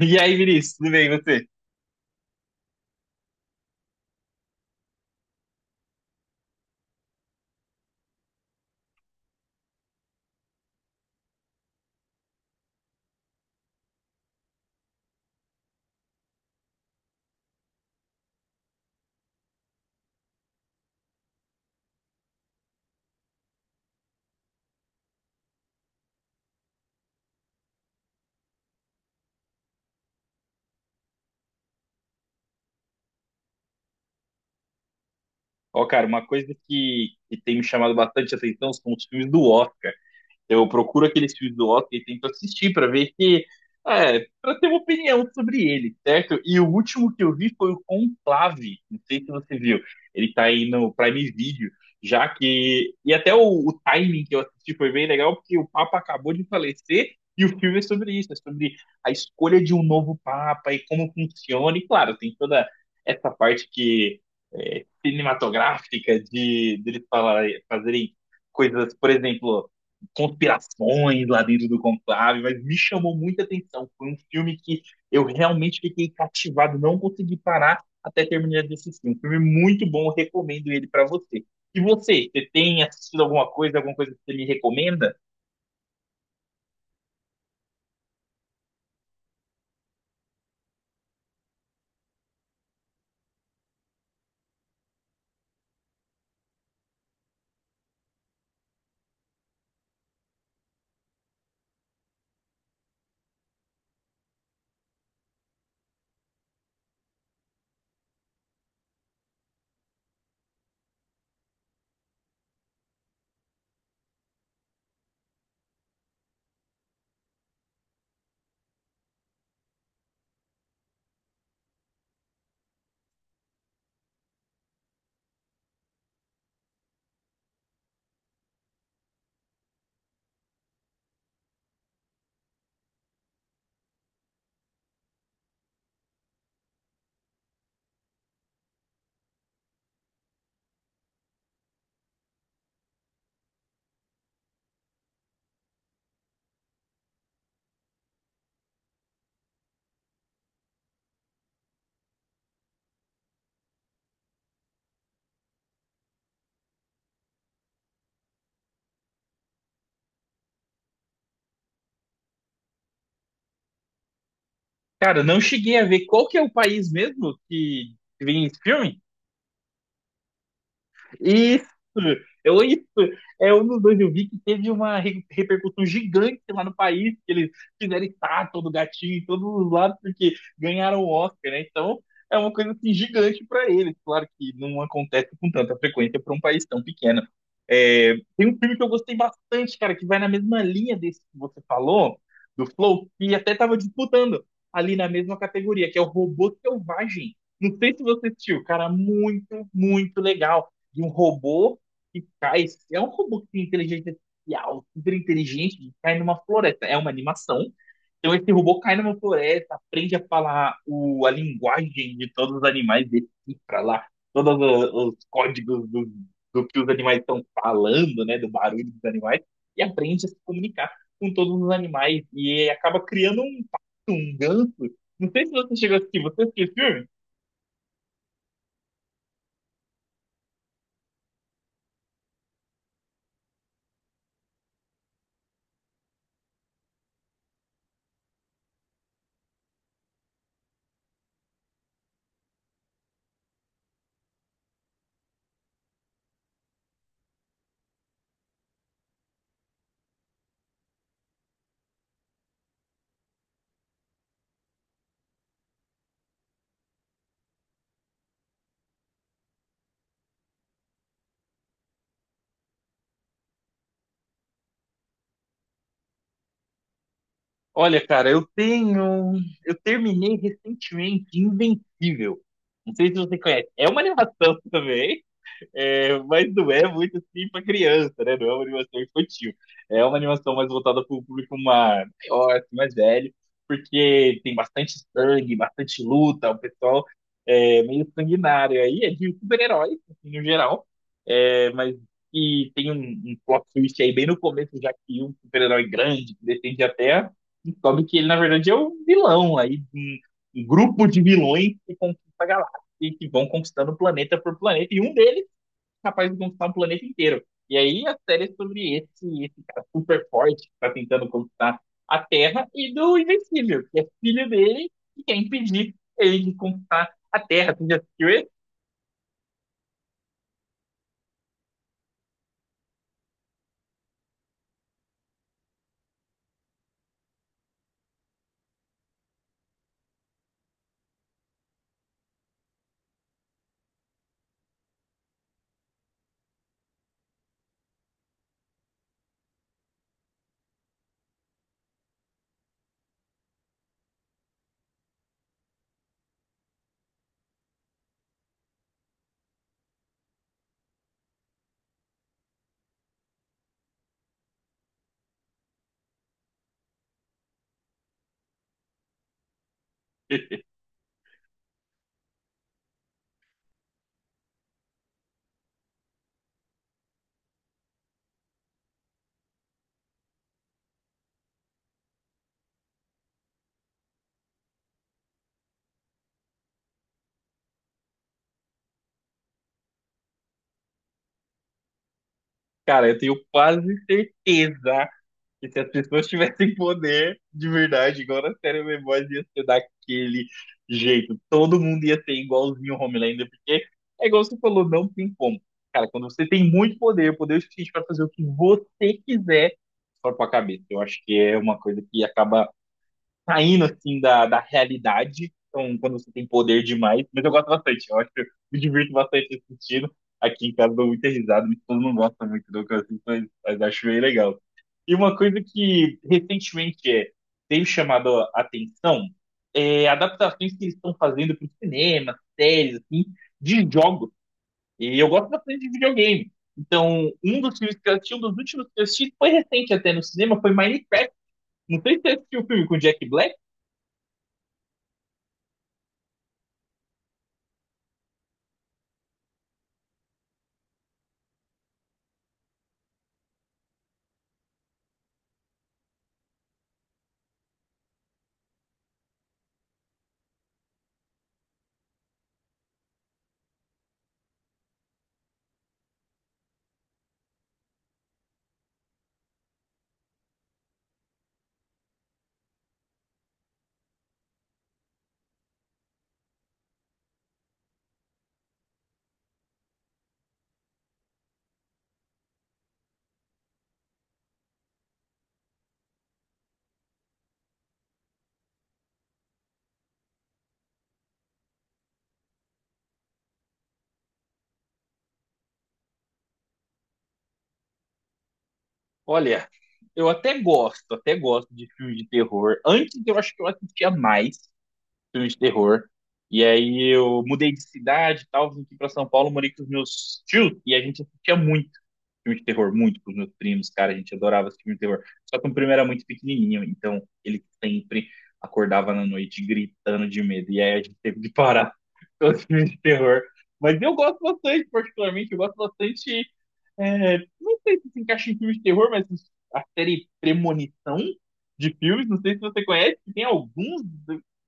E aí, Vinícius, tudo bem, e você? Ó, cara, uma coisa que tem me chamado bastante atenção são os filmes do Oscar. Eu procuro aqueles filmes do Oscar e tento assistir para ver que, para ter uma opinião sobre ele, certo? E o último que eu vi foi o Conclave, não sei se você viu. Ele tá aí no Prime Video, já que e até o timing que eu assisti foi bem legal porque o Papa acabou de falecer e o filme é sobre isso, é sobre a escolha de um novo Papa e como funciona. E claro, tem toda essa parte que é, cinematográfica de deles falarem, fazerem coisas, por exemplo, conspirações lá dentro do conclave, mas me chamou muita atenção. Foi um filme que eu realmente fiquei cativado, não consegui parar até terminar de assistir. Um filme muito bom, eu recomendo ele para você. E você, você tem assistido alguma coisa que você me recomenda? Cara, não cheguei a ver qual que é o país mesmo que vem esse filme? Isso! Eu, isso! É um dos dois. Eu vi que teve uma repercussão gigante lá no país, que eles fizeram estátua do gatinho em todos os lados, porque ganharam o Oscar, né? Então, é uma coisa assim, gigante para eles. Claro que não acontece com tanta frequência para um país tão pequeno. É, tem um filme que eu gostei bastante, cara, que vai na mesma linha desse que você falou, do Flow, que até tava disputando ali na mesma categoria, que é o Robô Selvagem. Não sei se você assistiu, cara, muito, muito legal de um robô que cai. É um robô que tem inteligência artificial, super inteligente, que cai numa floresta. É uma animação. Então esse robô cai numa floresta, aprende a falar o, a linguagem de todos os animais, decifra lá todos os códigos do que os animais estão falando, né, do barulho dos animais, e aprende a se comunicar com todos os animais. E acaba criando um, pato, um ganso. Não sei se você chegou a assistir. Você assistiu esse filme? Olha, cara, eu tenho. Eu terminei recentemente Invencível. Não sei se você conhece. É uma animação também, é, mas não é muito assim para criança, né? Não é uma animação infantil. É uma animação mais voltada para o público maior, assim, mais velho, porque tem bastante sangue, bastante luta, o pessoal é meio sanguinário. Aí é de super-heróis, assim, no geral. É, mas e tem um plot twist aí bem no começo, já que um super-herói grande que defende a Terra, descobre que ele, na verdade, é um vilão. Aí um grupo de vilões que conquista a galáxia e que vão conquistando planeta por planeta. E um deles capaz de conquistar um planeta inteiro. E aí a série é sobre esse cara super forte que tá tentando conquistar a Terra e do Invencível, que é filho dele e quer impedir ele de conquistar a Terra. Tu já assistiu esse? Cara, eu tenho quase certeza. E se as pessoas tivessem poder de verdade, igual na série The Boys, ia ser daquele jeito. Todo mundo ia ser igualzinho o Homelander, porque é igual você falou, não tem como. Cara, quando você tem muito poder, poder suficiente para fazer o que você quiser, só com a cabeça. Eu acho que é uma coisa que acaba saindo assim da realidade. Então, quando você tem poder demais, mas eu gosto bastante, eu acho que eu me divirto bastante assistindo. Aqui em casa dou muita risada, minha esposa não gosta muito do que eu assisto, mas acho bem legal. E uma coisa que recentemente teve chamado a atenção é adaptações que eles estão fazendo para o cinema, séries, assim, de jogos. E eu gosto bastante de videogame. Então, um dos filmes que eu assisti, um dos últimos que eu assisti, foi recente até no cinema, foi Minecraft. Não sei se você assistiu o filme com o Jack Black. Olha, eu até gosto de filmes de terror. Antes eu acho que eu assistia mais filmes de terror. E aí eu mudei de cidade e tal, vim aqui pra São Paulo, morei com os meus tios e a gente assistia muito filme de terror, muito com os meus primos, cara, a gente adorava assistir filme de terror. Só que o primo era muito pequenininho, então ele sempre acordava na noite gritando de medo. E aí a gente teve que parar todos os filmes de terror. Mas eu gosto bastante, particularmente, eu gosto bastante não sei se se encaixa em filmes de terror, mas a série Premonição de filmes, não sei se você conhece, que tem alguns,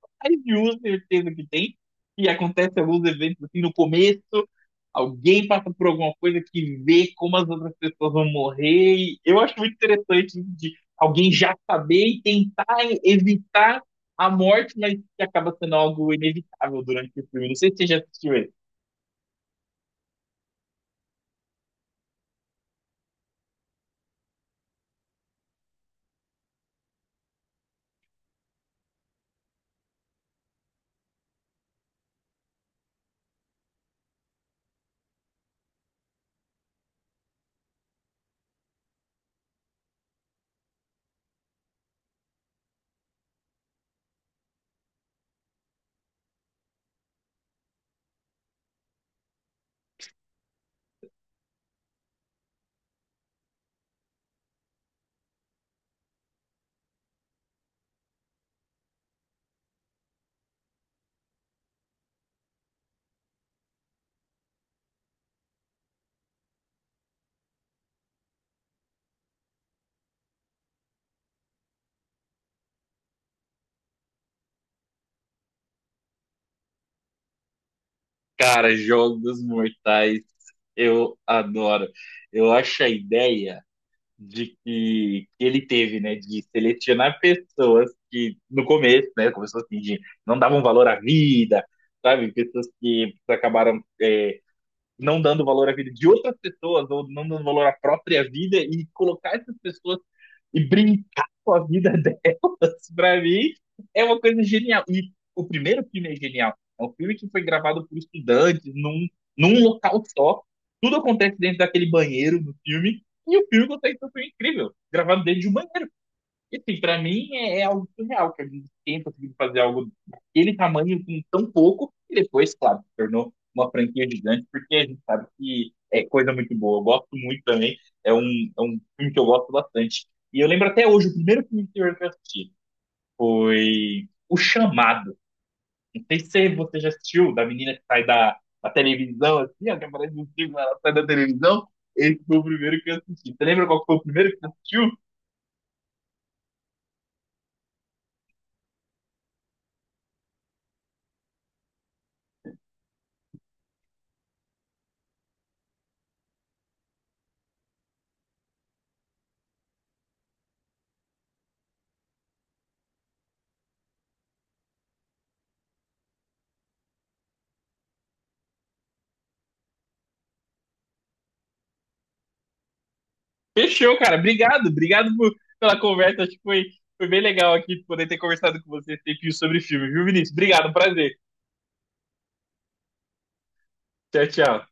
mais de um, certeza que tem, que acontece alguns eventos assim no começo, alguém passa por alguma coisa que vê como as outras pessoas vão morrer. E eu acho muito interessante de alguém já saber e tentar evitar a morte, mas que acaba sendo algo inevitável durante o filme. Não sei se você já assistiu esse. Cara, jogos mortais eu adoro. Eu acho a ideia de que ele teve, né, de selecionar pessoas que no começo, né, começou assim, de não davam valor à vida, sabe? Pessoas que acabaram não dando valor à vida de outras pessoas ou não dando valor à própria vida e colocar essas pessoas e brincar com a vida delas, pra mim, é uma coisa genial. E o primeiro filme é genial. É um filme que foi gravado por estudantes num local só. Tudo acontece dentro daquele banheiro do filme. E o filme consegue ser um filme incrível, gravado dentro de um banheiro. E assim, pra mim é, é algo surreal que a gente tenha conseguido fazer algo daquele tamanho com tão pouco, e depois, claro, se tornou uma franquia gigante, porque a gente sabe que é coisa muito boa. Eu gosto muito também, é é um filme que eu gosto bastante. E eu lembro até hoje, o primeiro filme de terror que eu assisti foi O Chamado. Não sei se você já assistiu, da menina que sai da televisão, assim, ó, que aparece no filme, ela sai da televisão. Esse foi o primeiro que eu assisti. Você lembra qual foi o primeiro que você assistiu? Fechou, cara. Obrigado, pela conversa. Acho que foi, foi bem legal aqui poder ter conversado com você esse tempinho sobre filme, viu, Vinícius? Obrigado, prazer. Tchau, tchau.